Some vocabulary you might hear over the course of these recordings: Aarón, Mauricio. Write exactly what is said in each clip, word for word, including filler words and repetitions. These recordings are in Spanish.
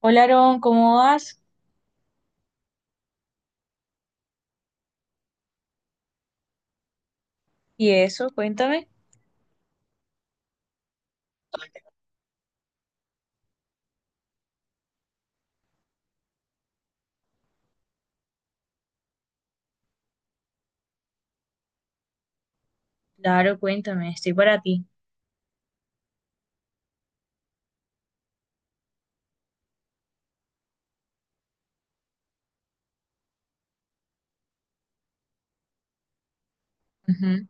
Hola, Aarón, ¿cómo vas? ¿Y eso? Cuéntame. Claro, cuéntame, estoy para ti. Ujú.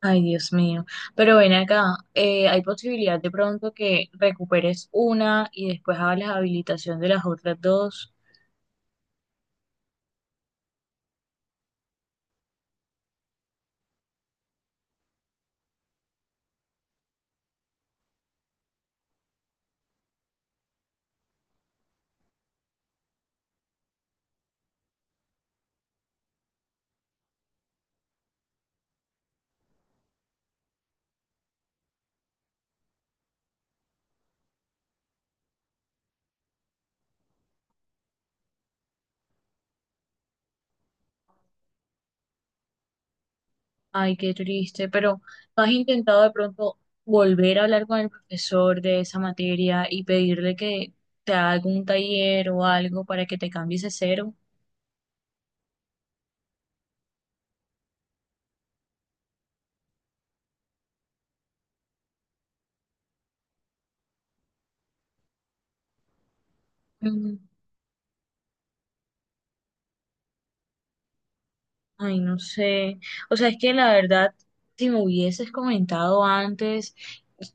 Ay, Dios mío. Pero ven acá, eh, ¿hay posibilidad de pronto que recuperes una y después hagas la habilitación de las otras dos? Ay, qué triste. Pero ¿no has intentado de pronto volver a hablar con el profesor de esa materia y pedirle que te haga algún taller o algo para que te cambies ese cero? Ay, no sé. O sea, es que la verdad, si me hubieses comentado antes,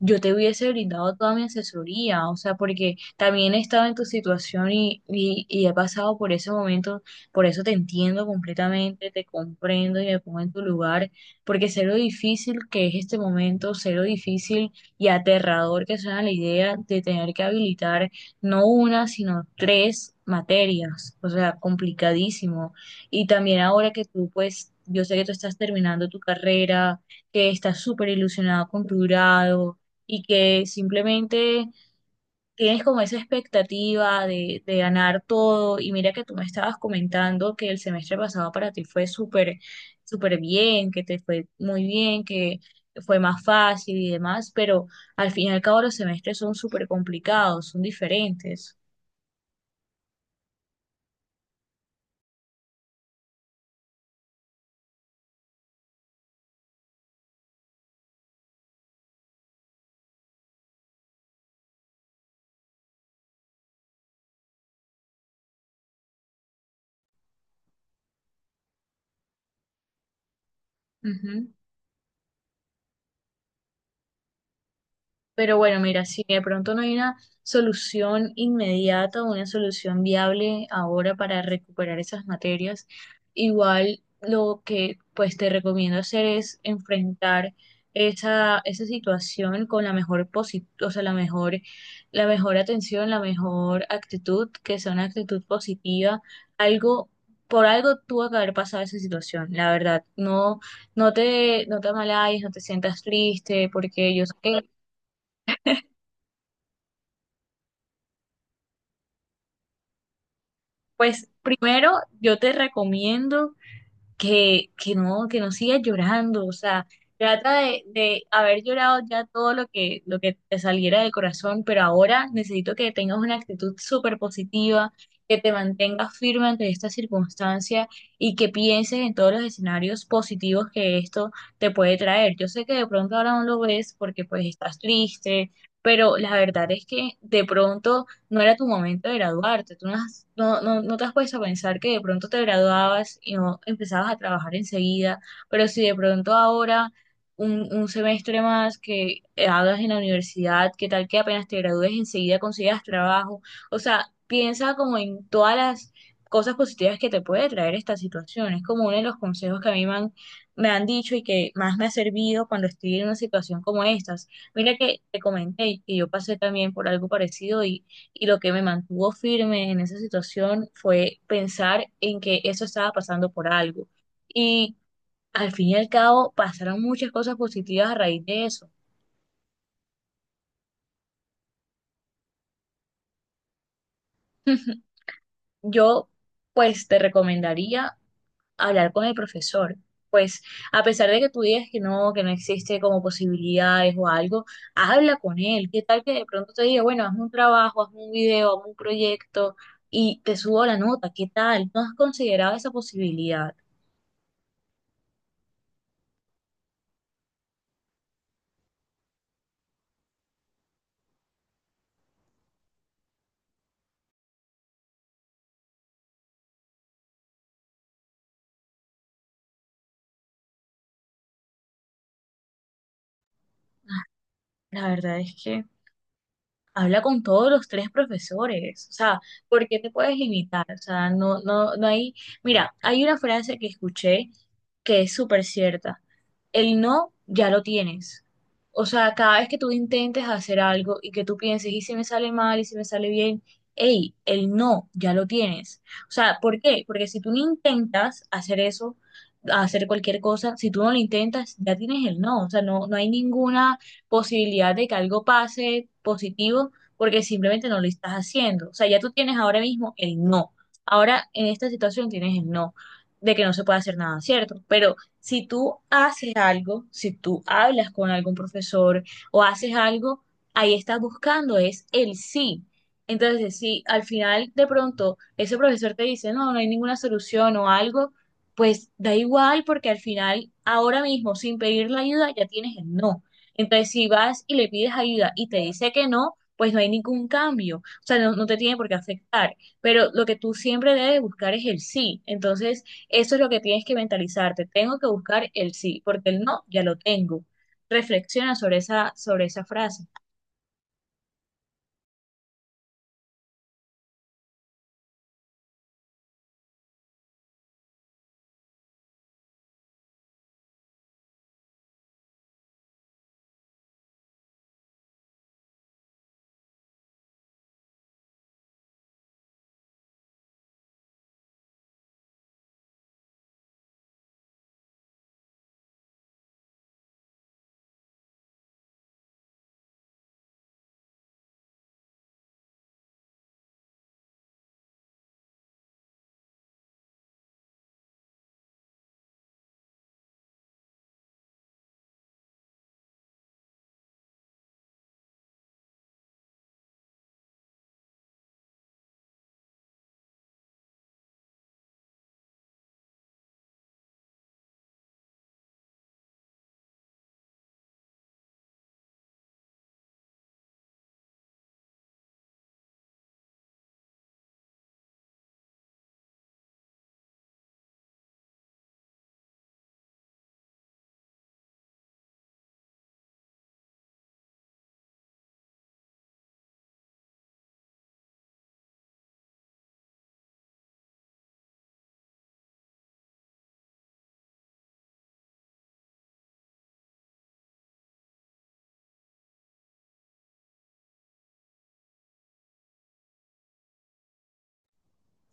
yo te hubiese brindado toda mi asesoría. O sea, porque también he estado en tu situación y, y, y he pasado por ese momento. Por eso te entiendo completamente, te comprendo y me pongo en tu lugar. Porque sé lo difícil que es este momento, sé lo difícil y aterrador que suena la idea de tener que habilitar no una, sino tres materias. O sea, complicadísimo. Y también ahora que tú, pues, yo sé que tú estás terminando tu carrera, que estás súper ilusionado con tu grado y que simplemente tienes como esa expectativa de, de ganar todo. Y mira que tú me estabas comentando que el semestre pasado para ti fue súper, súper bien, que te fue muy bien, que fue más fácil y demás, pero al fin y al cabo los semestres son súper complicados, son diferentes. Pero bueno, mira, si de pronto no hay una solución inmediata una solución viable ahora para recuperar esas materias, igual lo que pues te recomiendo hacer es enfrentar esa, esa situación con la mejor posi- o sea, la mejor, la mejor atención, la mejor actitud, que sea una actitud positiva, algo, por algo tuvo que haber pasado esa situación, la verdad, no, no te, no te amalayes, no te sientas triste, porque yo sé que. Pues primero yo te recomiendo que, que no, que no sigas llorando, o sea, trata de, de haber llorado ya todo lo que, lo que te saliera del corazón, pero ahora necesito que tengas una actitud súper positiva, que te mantengas firme ante esta circunstancia y que pienses en todos los escenarios positivos que esto te puede traer. Yo sé que de pronto ahora no lo ves porque pues estás triste, pero la verdad es que de pronto no era tu momento de graduarte, tú no, has- no, no, no te has puesto a pensar que de pronto te graduabas y no empezabas a trabajar enseguida, pero si de pronto ahora un, un semestre más que hagas en la universidad, qué tal que apenas te gradúes enseguida consigas trabajo, o sea, piensa como en todas las cosas positivas que te puede traer esta situación, es como uno de los consejos que a mí me han, me han dicho y que más me ha servido cuando estoy en una situación como estas. Mira que te comenté que yo pasé también por algo parecido y y lo que me mantuvo firme en esa situación fue pensar en que eso estaba pasando por algo. Y al fin y al cabo pasaron muchas cosas positivas a raíz de eso. Yo, pues, te recomendaría hablar con el profesor. Pues, a pesar de que tú digas que no, que no existe como posibilidades o algo, habla con él. ¿Qué tal que de pronto te diga, bueno, hazme un trabajo, hazme un video, hazme un proyecto y te subo la nota? ¿Qué tal? ¿No has considerado esa posibilidad? La verdad es que habla con todos los tres profesores, o sea, ¿por qué te puedes limitar? O sea, no, no, no hay, mira, hay una frase que escuché que es súper cierta. El no ya lo tienes. O sea, cada vez que tú intentes hacer algo y que tú pienses, ¿y si me sale mal? ¿Y si me sale bien? Ey, el no ya lo tienes. O sea, ¿por qué? Porque si tú no intentas hacer eso, hacer cualquier cosa, si tú no lo intentas, ya tienes el no. O sea, no, no hay ninguna posibilidad de que algo pase positivo porque simplemente no lo estás haciendo. O sea, ya tú tienes ahora mismo el no. Ahora en esta situación tienes el no de que no se puede hacer nada, ¿cierto? Pero si tú haces algo, si tú hablas con algún profesor o haces algo, ahí estás buscando es el sí. Entonces, si al final de pronto ese profesor te dice, no, no hay ninguna solución o algo, pues da igual porque al final, ahora mismo, sin pedir la ayuda, ya tienes el no. Entonces, si vas y le pides ayuda y te dice que no, pues no hay ningún cambio. O sea, no, no te tiene por qué afectar. Pero lo que tú siempre debes buscar es el sí. Entonces, eso es lo que tienes que mentalizarte. Tengo que buscar el sí, porque el no ya lo tengo. Reflexiona sobre esa, sobre esa frase.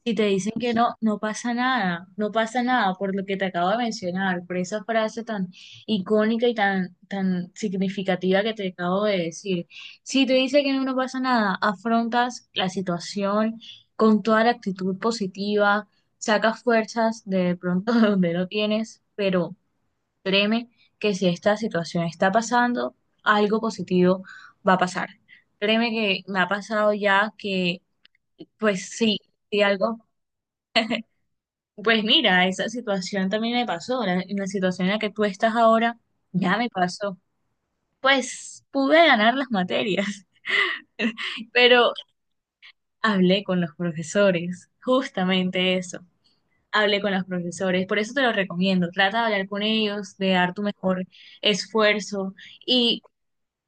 Si te dicen que no, no pasa nada, no pasa nada por lo que te acabo de mencionar, por esa frase tan icónica y tan, tan significativa que te acabo de decir. Si te dicen que no, no pasa nada, afrontas la situación con toda la actitud positiva, sacas fuerzas de pronto de donde no tienes, pero créeme que si esta situación está pasando, algo positivo va a pasar. Créeme que me ha pasado ya que, pues sí, si algo pues mira, esa situación también me pasó. La, en la situación en la que tú estás ahora ya me pasó. Pues pude ganar las materias, pero hablé con los profesores, justamente eso. Hablé con los profesores, por eso te lo recomiendo. Trata de hablar con ellos, de dar tu mejor esfuerzo. ¿Y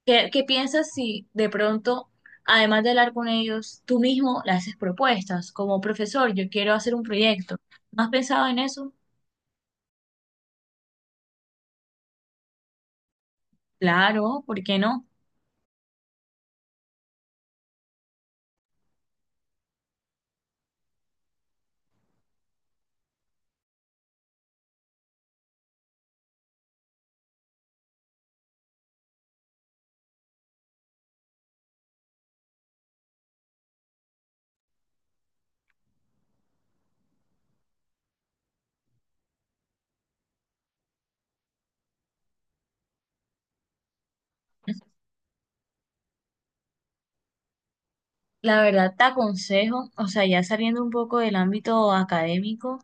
qué, qué piensas si de pronto, además de hablar con ellos, tú mismo le haces propuestas como profesor, yo quiero hacer un proyecto? ¿No has pensado en eso? Claro, ¿por qué no? La verdad te aconsejo, o sea, ya saliendo un poco del ámbito académico,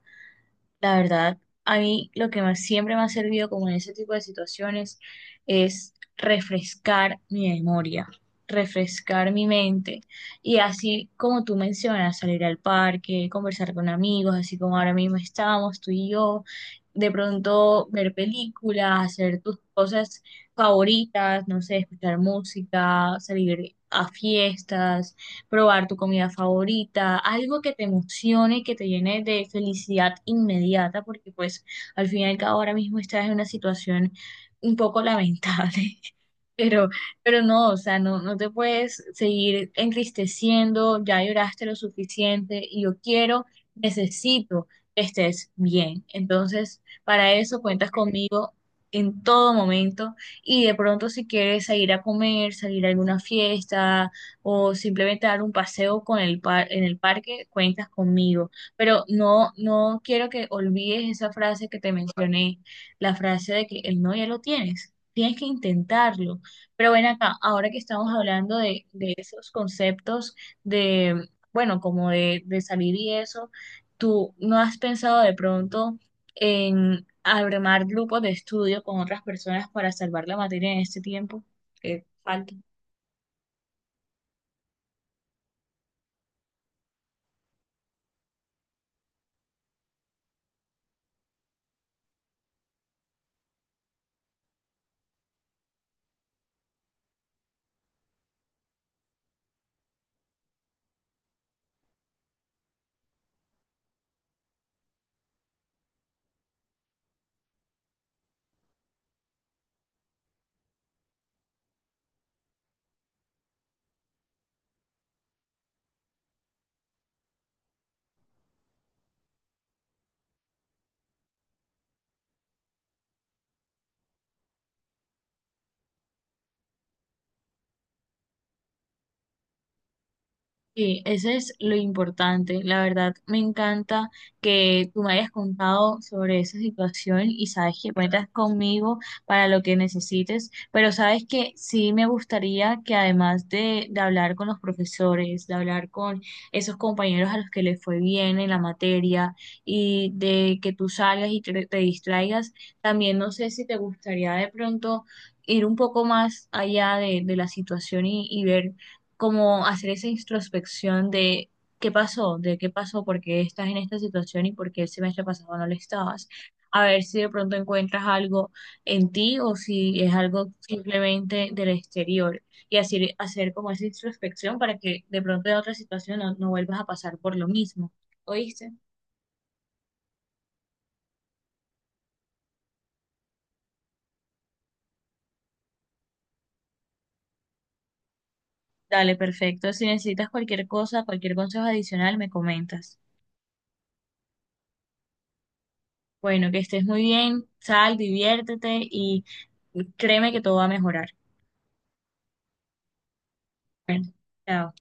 la verdad a mí lo que más siempre me ha servido como en ese tipo de situaciones es refrescar mi memoria, refrescar mi mente y así como tú mencionas, salir al parque, conversar con amigos, así como ahora mismo estamos tú y yo, de pronto ver películas, hacer tus cosas favoritas, no sé, escuchar música, salir a fiestas probar tu comida favorita, algo que te emocione, que te llene de felicidad inmediata, porque pues al fin y al cabo ahora mismo estás en una situación un poco lamentable. Pero, pero no, o sea, no, no te puedes seguir entristeciendo, ya lloraste lo suficiente y yo quiero, necesito que estés bien. Entonces, para eso cuentas conmigo en todo momento y de pronto si quieres salir a comer, salir a alguna fiesta o simplemente dar un paseo con el par en el parque, cuentas conmigo. Pero no, no quiero que olvides esa frase que te mencioné, la frase de que el no ya lo tienes. Tienes que intentarlo. Pero ven acá, ahora que estamos hablando de, de esos conceptos de, bueno, como de, de salir y eso, ¿tú no has pensado de pronto en armar grupos de estudio con otras personas para salvar la materia en este tiempo que falta? Sí, ese es lo importante. La verdad, me encanta que tú me hayas contado sobre esa situación y sabes que cuentas conmigo para lo que necesites, pero sabes que sí me gustaría que además de, de hablar con los profesores, de hablar con esos compañeros a los que les fue bien en la materia y de que tú salgas y te, te distraigas, también no sé si te gustaría de pronto ir un poco más allá de, de la situación y, y ver como hacer esa introspección de qué pasó, de qué pasó, por qué estás en esta situación y por qué el semestre pasado no lo estabas. A ver si de pronto encuentras algo en ti o si es algo simplemente del exterior y así hacer como esa introspección para que de pronto en otra situación no, no vuelvas a pasar por lo mismo. ¿Oíste? Dale, perfecto. Si necesitas cualquier cosa, cualquier consejo adicional, me comentas. Bueno, que estés muy bien, sal, diviértete y créeme que todo va a mejorar. Bueno, chao.